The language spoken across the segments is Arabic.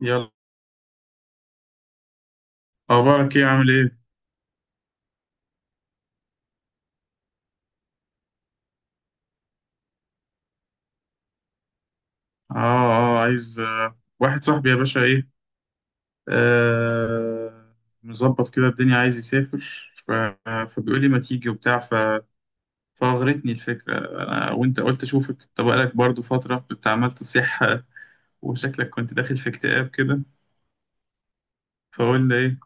يلا، اخبارك ايه؟ عامل ايه؟ اه عايز واحد صاحبي يا باشا ايه. آه، مظبط كده الدنيا، عايز يسافر. ف... فبيقول لي ما تيجي وبتاع. فاغرتني الفكره انا وانت، قلت اشوفك، انت بقالك برضو فتره كنت عمال تصيح. وشكلك كنت داخل في اكتئاب كده. فقلنا ايه،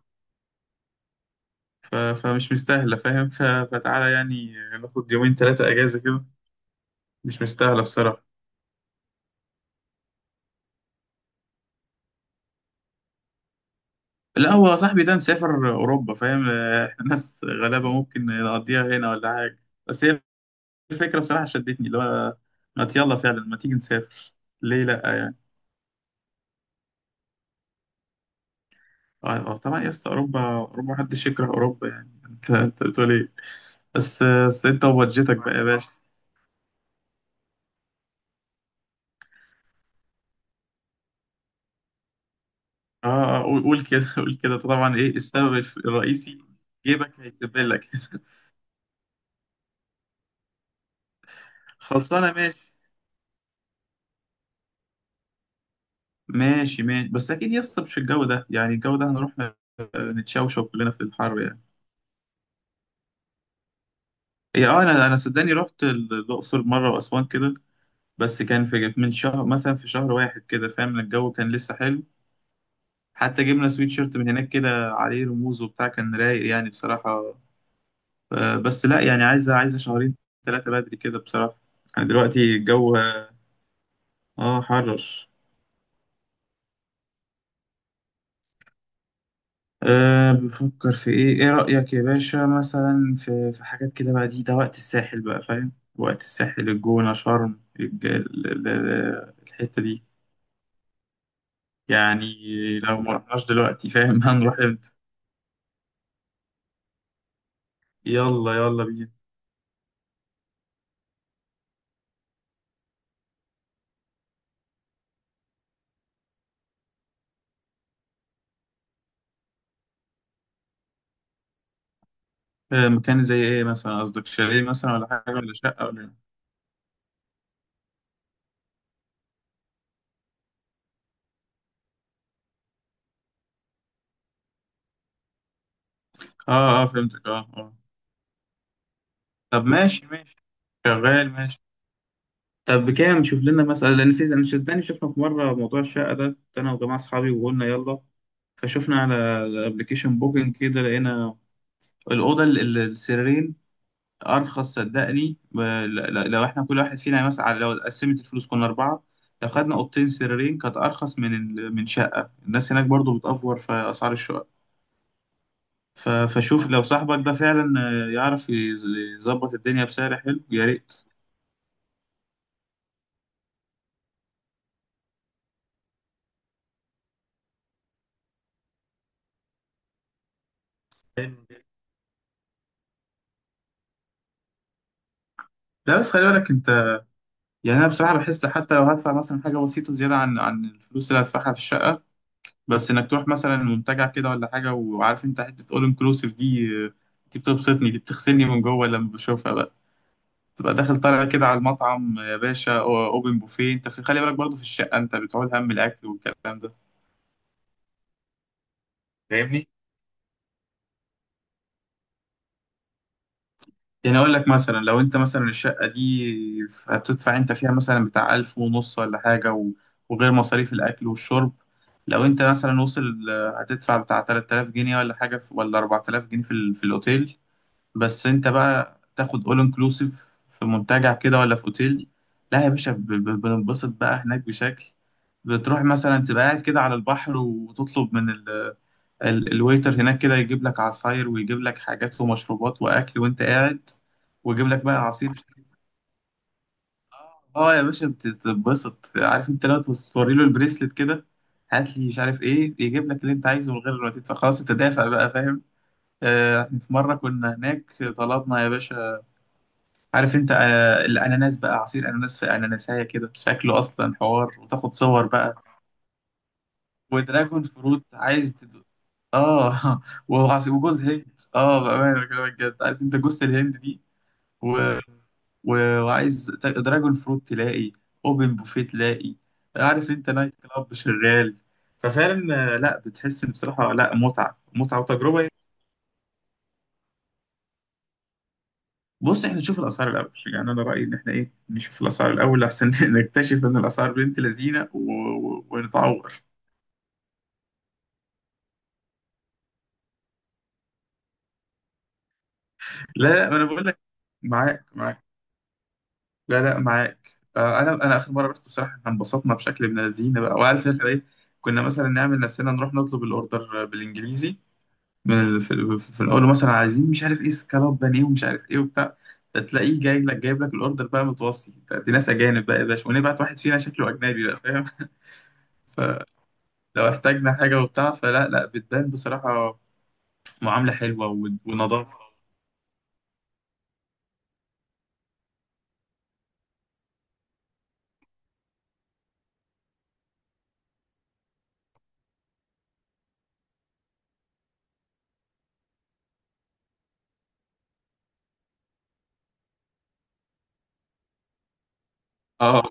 فمش مستاهله فاهم. فتعالى يعني ناخد يومين ثلاثه اجازه كده، مش مستاهله بصراحه. لا، هو صاحبي ده مسافر أوروبا فاهم، إحنا ناس غلابة ممكن نقضيها هنا ولا حاجة، بس هي الفكرة بصراحة شدتني، اللي هو ما يلا فعلا، ما تيجي نسافر؟ ليه لأ يعني؟ آه، طبعا يا اسطى أوروبا، أوروبا محدش يكره أوروبا يعني. أنت بتقول إيه؟ بس أنت وبادجتك بقى يا باشا. قول كده، قول كده. طبعا إيه السبب الرئيسي؟ جيبك هيسيبلك لك. خلصانة ماشي. ماشي ماشي، بس أكيد يا اسطى مش الجو ده يعني، الجو ده هنروح نتشوشو كلنا في الحر يعني. هي اه، انا صدقني رحت الاقصر مره واسوان كده، بس كان في من شهر، مثلا في شهر واحد كده فاهم، الجو كان لسه حلو. حتى جبنا سويت شيرت من هناك كده عليه رموز وبتاع، كان رايق يعني بصراحه. بس لا، يعني عايزه شهرين ثلاثه بدري كده بصراحه. يعني دلوقتي الجو اه، حرر. أه، بفكر في ايه. ايه رأيك يا باشا مثلا في حاجات كده بقى؟ دي ده وقت الساحل بقى فاهم، وقت الساحل، الجونة، شرم، الحتة دي يعني. لو ما رحناش دلوقتي فاهم هنروح امتى؟ يلا يلا بينا. مكان زي ايه مثلا؟ قصدك شاليه مثلا، ولا حاجه، ولا شقه، ولا إيه؟ اه اه، فهمتك اه اه. طب ماشي، ماشي شغال، ماشي. طب بكام؟ نشوف لنا مثلا، لان في، انا صدقني شفنا في مره موضوع الشقه ده، كنت انا وجماعه اصحابي وقلنا يلا. فشفنا على الابلكيشن بوكينج كده، لقينا الاوضه السريرين ارخص صدقني. لو احنا كل واحد فينا مثلا، لو قسمت الفلوس، كنا اربعه لو خدنا اوضتين سريرين، كانت ارخص من من شقه، الناس هناك برضو بتأفور في اسعار الشقق. فشوف لو صاحبك ده فعلا يعرف يظبط الدنيا بسعر حلو يا ريت. لا بس خلي بالك انت، يعني انا بصراحه بحس حتى لو هدفع مثلا حاجه بسيطه زياده عن الفلوس اللي هدفعها في الشقه، بس انك تروح مثلا منتجع كده ولا حاجه، وعارف انت حته اول انكلوسيف دي دي بتبسطني، دي بتغسلني من جوه لما بشوفها بقى. تبقى داخل طالع كده على المطعم يا باشا، اوبن بوفيه، انت في، خلي بالك برضه في الشقه انت بتعول هم الاكل والكلام ده، فاهمني؟ يعني اقول لك مثلا لو انت مثلا الشقه دي هتدفع انت فيها مثلا بتاع الف ونص ولا حاجه، و- وغير مصاريف الاكل والشرب، لو انت مثلا وصل هتدفع بتاع 3000 جنيه ولا حاجه، ولا 4000 جنيه في في الاوتيل، بس انت بقى تاخد اول انكلوسيف في منتجع كده ولا في اوتيل، لا يا باشا بننبسط بقى هناك بشكل. بتروح مثلا تبقى قاعد كده على البحر، وتطلب من الويتر هناك كده، يجيب لك عصاير، ويجيب لك حاجات ومشروبات واكل وانت قاعد، ويجيب لك بقى عصير مش إيه. اه يا باشا بتتبسط، عارف انت، لو توري له البريسلت كده هات لي مش عارف ايه، يجيب لك اللي انت عايزه من غير ما تدفع، خلاص انت دافع بقى فاهم. احنا في مرة كنا هناك طلبنا يا باشا، عارف انت الاناناس بقى، عصير اناناس في اناناسايه كده شكله اصلا حوار، وتاخد صور بقى، ودراجون فروت، عايز اه. وجوز هند اه، بامانه بكلمك جد، عارف انت جوز الهند دي، و... و... وعايز دراجون فروت تلاقي، اوبن بوفيه تلاقي، عارف انت نايت كلاب شغال. ففعلا لا بتحس بصراحه، لا، متعه، متعه وتجربه. بص احنا نشوف الاسعار الاول يعني، انا رايي ان احنا ايه، نشوف الاسعار الاول احسن. نكتشف ان الاسعار بنت لذينه، ونتعور. لا ما انا بقول لك، معاك معاك، لا معاك. آه، انا اخر مره رحت بصراحه، احنا انبسطنا بشكل ابن لذينه بقى. وعارف احنا ايه، كنا مثلا نعمل نفسنا نروح نطلب الاوردر بالانجليزي من ال... في... في في الاول، مثلا عايزين مش عارف ايه سكالوب بانيه ومش عارف ايه وبتاع، تلاقيه جاي لك جايب لك الاوردر بقى متوصي، دي ناس اجانب بقى يا باشا، ونبعت واحد فينا شكله اجنبي بقى فاهم. لو احتاجنا حاجة وبتاع، فلا لا بتبان بصراحة معاملة حلوة ونظافة. اه،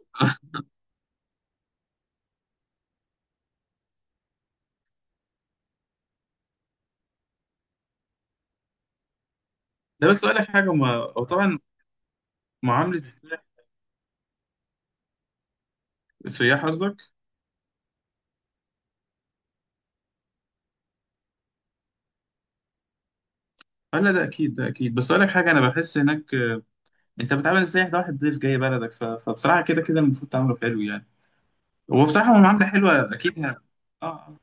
ده بس أقول لك حاجة، ما هو طبعا معاملة السياح، السياح قصدك. اه، لا ده أكيد، ده أكيد، بس أقول لك حاجة، أنا بحس هناك أنت بتعامل السياح ده واحد ضيف جاي بلدك، فبصراحة كده كده المفروض تعامله حلو يعني. هو بصراحة هو معاملة حلوة أكيد اه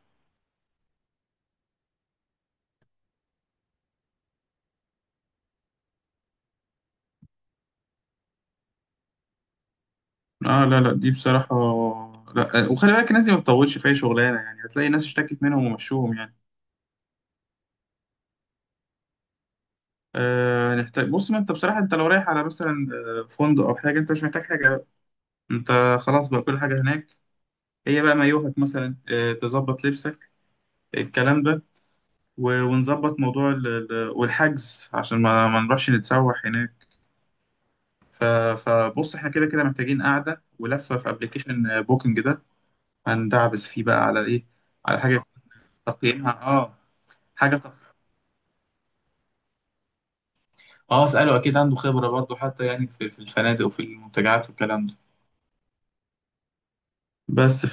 اه. لا لا دي بصراحة، لا وخلي بالك الناس دي ما بتطولش في أي شغلانة، يعني هتلاقي ناس اشتكت منهم ومشوهم يعني. آه نحتاج، بص ما أنت بصراحة أنت لو رايح على مثلا فندق أو حاجة، أنت مش محتاج حاجة، انت خلاص بقى، كل حاجة هناك. هي بقى مايوهك مثلا، اه، تظبط لبسك الكلام ده، و- ونظبط موضوع والحجز عشان ما نروحش نتسوح هناك. ف- فبص احنا كده كده محتاجين قعدة ولفة في ابلكيشن بوكينج ده، هندعبس فيه بقى على ايه، على حاجة تقييمها اه، حاجة اه. اسأله اكيد عنده خبرة برضه، حتى يعني في, في الفنادق وفي المنتجعات والكلام ده. بس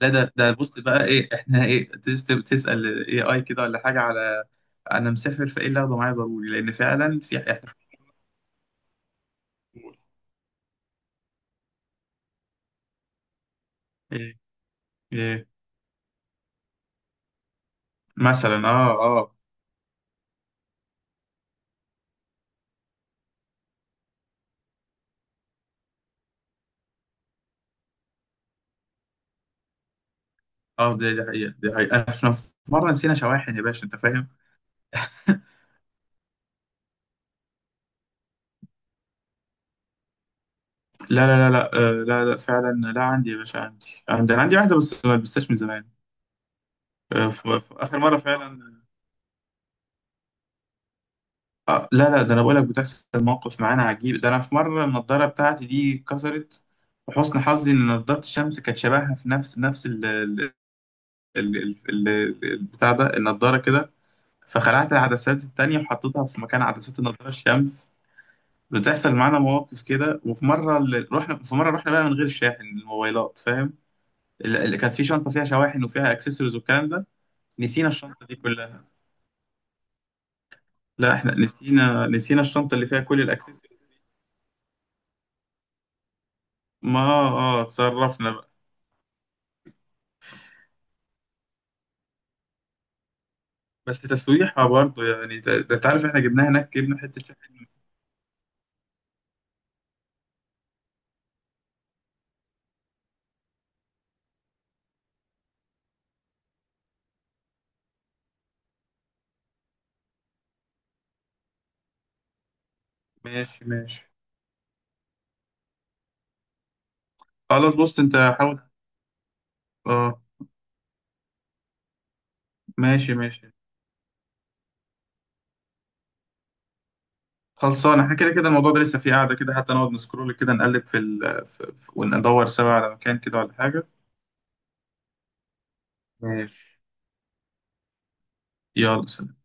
لا، ده ده بص بقى ايه، احنا ايه، تسأل اي كده ولا حاجة، على انا مسافر فايه اللي اخده معايا ضروري، لان فعلا في، احنا، إيه إيه؟ مثلا اه اه، اه دي دي حقيقة، دي حقيقة، احنا في مرة نسينا شواحن يا باشا انت فاهم. لا لا لا لا، لا لا فعلا، لا عندي يا باشا، عندي، عندي، انا عندي واحدة، بس ما لبستهاش من زمان. اخر مرة فعلا، لا لا ده انا بقولك بتحصل مواقف معانا عجيب ده، انا في مره النضاره بتاعتي دي اتكسرت، وحسن حظي ان نضاره الشمس كانت شبهها في نفس ال ال البتاع ده، النضاره كده، فخلعت العدسات التانية وحطيتها في مكان عدسات النضاره الشمس. بتحصل معانا مواقف كده. وفي مره رحنا، في مره رحنا بقى من غير شاحن الموبايلات فاهم، اللي كانت في شنطه فيها شواحن وفيها اكسسوارز والكلام ده، نسينا الشنطه دي كلها. لا احنا نسينا، نسينا الشنطه اللي فيها كل الاكسسوارز. ما اه اتصرفنا، بس تسويحة برضه يعني، ده ده انت عارف احنا جبناها هناك، جبنا حتة شحن. ماشي ماشي، خلاص بص انت حاول. اه ماشي ماشي، خلصانة، احنا كده كده الموضوع ده لسه فيه قاعدة كده، حتى نقعد نسكرول كده، نقلب في, وندور سوا على مكان كده ولا حاجة. ماشي. يلا سلام.